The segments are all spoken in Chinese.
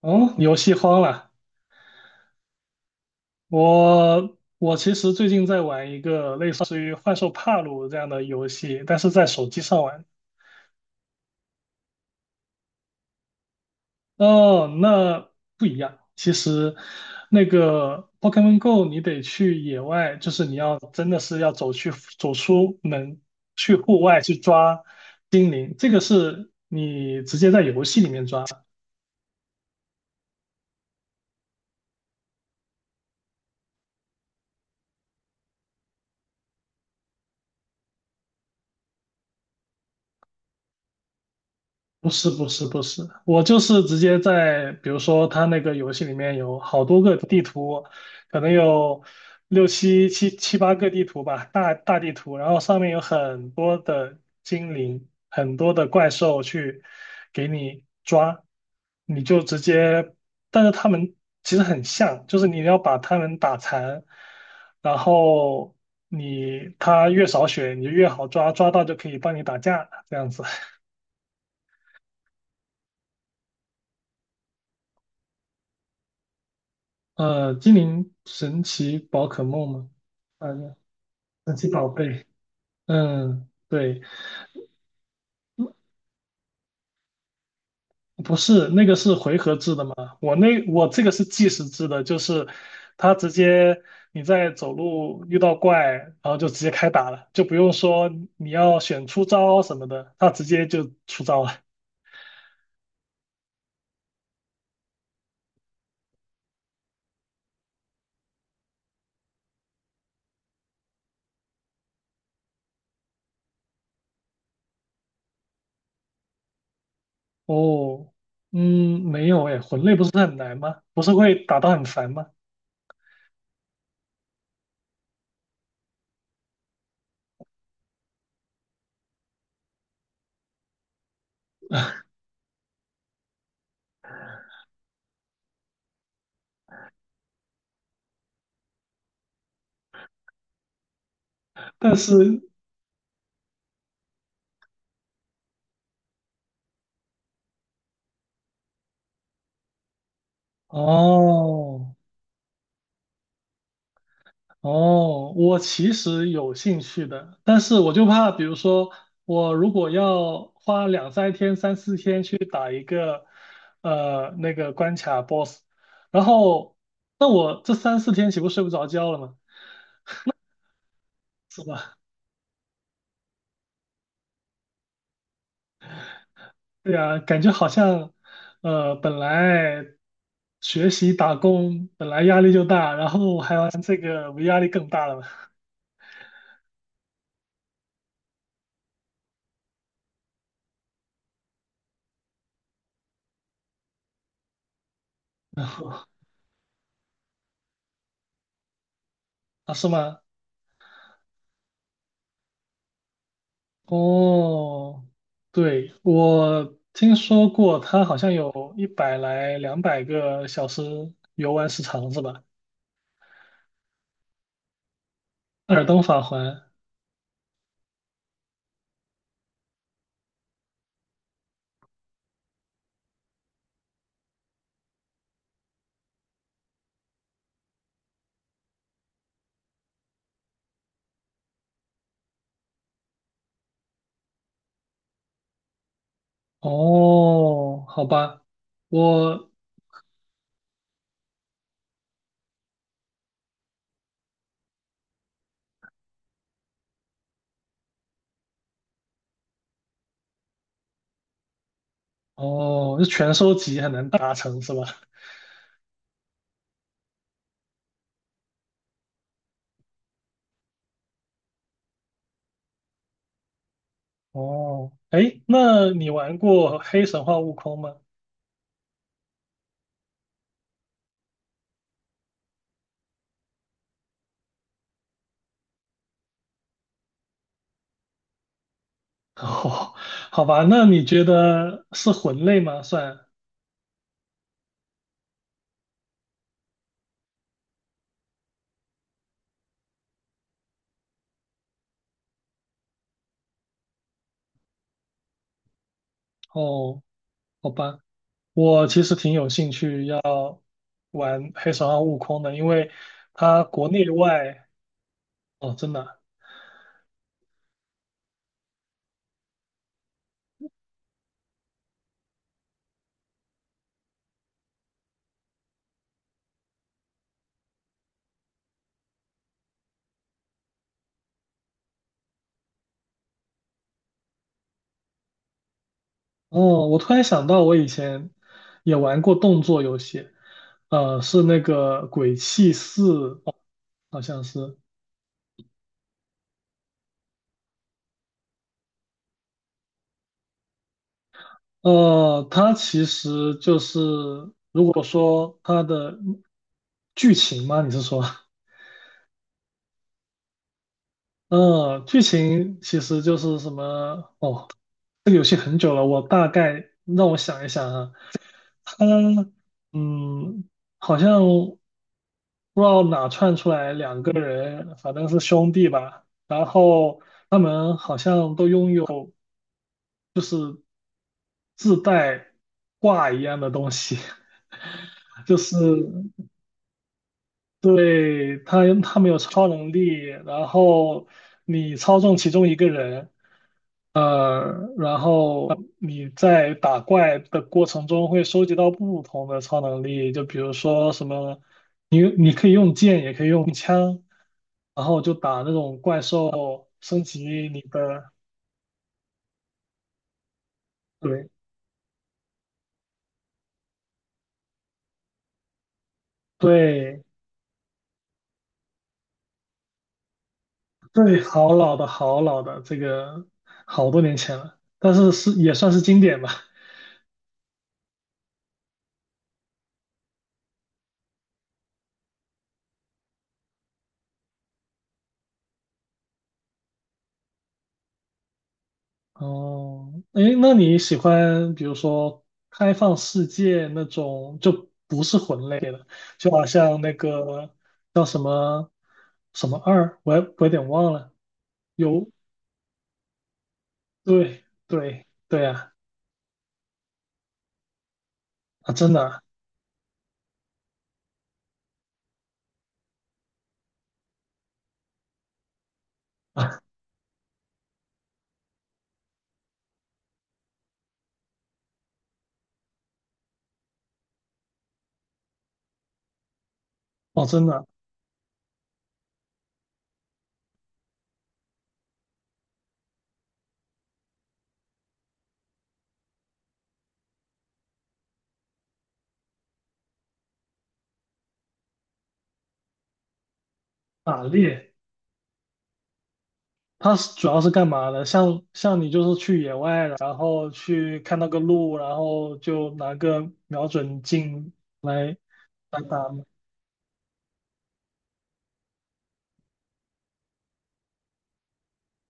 嗯，游戏荒了。我其实最近在玩一个类似于《幻兽帕鲁》这样的游戏，但是在手机上玩。哦，那不一样。其实那个 Pokemon Go，你得去野外，就是你要真的是要走去走出门，去户外去抓精灵，这个是你直接在游戏里面抓。不是不是不是，我就是直接在，比如说它那个游戏里面有好多个地图，可能有六七八个地图吧，大地图，然后上面有很多的精灵，很多的怪兽去给你抓，你就直接，但是他们其实很像，就是你要把他们打残，然后你他越少血，你就越好抓，抓到就可以帮你打架，这样子。精灵神奇宝可梦吗？嗯，神奇宝贝。嗯，对，不是那个是回合制的嘛？我那我这个是计时制的，就是它直接你在走路遇到怪，然后就直接开打了，就不用说你要选出招什么的，它直接就出招了。哦，嗯，没有诶，魂类不是很难吗？不是会打到很烦吗？但是哦。哦，我其实有兴趣的，但是我就怕，比如说我如果要花两三天、三四天去打一个那个关卡 BOSS，然后那我这三四天岂不睡不着觉了吗？是吧？对啊，感觉好像本来学习打工本来压力就大，然后还玩这个不压力更大了吗？啊，是吗？哦，对，我听说过，它好像有100来200个小时游玩时长是吧？《耳尔登法环》。哦，好吧，我哦，是全收集很难达成是吧？哦，哎，那你玩过《黑神话：悟空》吗？哦，好吧，那你觉得是魂类吗？算哦，好吧。我其实挺有兴趣要玩黑神话：悟空的，因为它国内外哦，真的啊。哦，我突然想到，我以前也玩过动作游戏，是那个《鬼泣四》，哦，好像是，它其实就是如果说它的剧情吗？你是说，嗯、剧情其实就是什么？哦，这个游戏很久了，我大概让我想一想啊。他嗯，好像不知道哪窜出来两个人，反正是兄弟吧。然后他们好像都拥有自带挂一样的东西，就是对他们有超能力，然后你操纵其中一个人，然后你在打怪的过程中会收集到不同的超能力，就比如说什么，你可以用剑，也可以用枪，然后就打那种怪兽，升级你的，对对对，好老的好老的，这个好多年前了，但是是也算是经典吧。哦，诶，那你喜欢比如说开放世界那种，就不是魂类的，就好像那个叫什么什么二，我也我有点忘了。有，对对对啊，啊，真的啊，啊哦，真的啊。打猎，它是主要是干嘛的？像你就是去野外，然后去看到个鹿，然后就拿个瞄准镜来来打。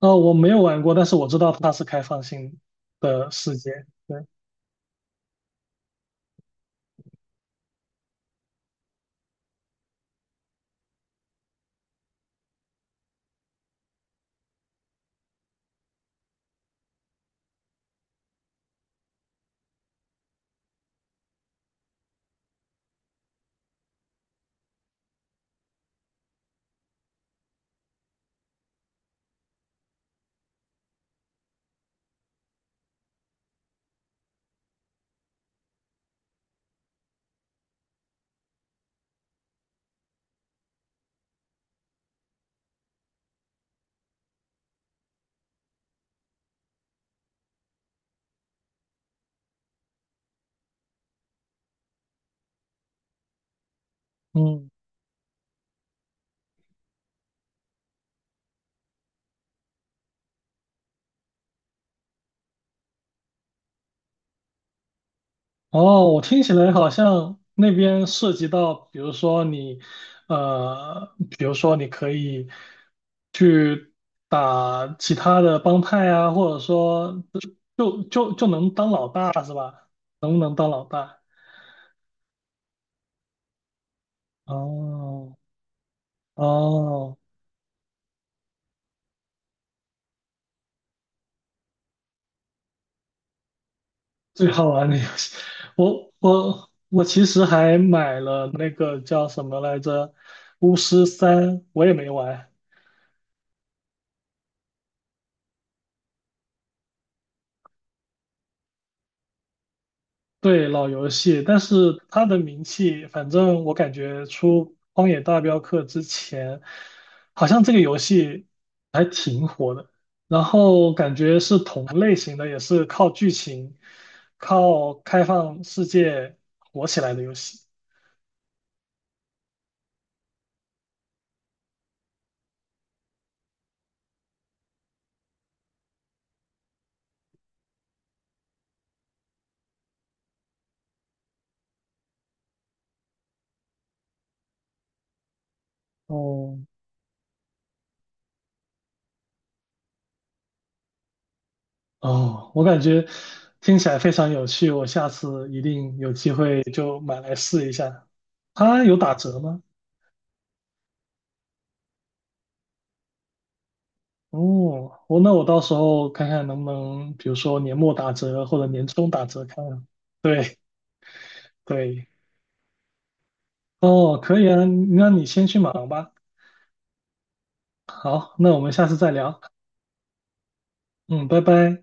哦，我没有玩过，但是我知道它是开放性的世界。对，嗯，哦，我听起来好像那边涉及到，比如说你，比如说你可以去打其他的帮派啊，或者说就能当老大是吧？能不能当老大？哦哦，最好玩的游戏，我其实还买了那个叫什么来着，《巫师三》，我也没玩。对，老游戏，但是它的名气，反正我感觉出《荒野大镖客》之前，好像这个游戏还挺火的。然后感觉是同类型的，也是靠剧情、靠开放世界火起来的游戏。哦，哦，我感觉听起来非常有趣，我下次一定有机会就买来试一下。它有打折吗？哦，我那我到时候看看能不能，比如说年末打折或者年终打折看看。对对，哦，可以啊，那你先去忙吧。好，那我们下次再聊。嗯，拜拜。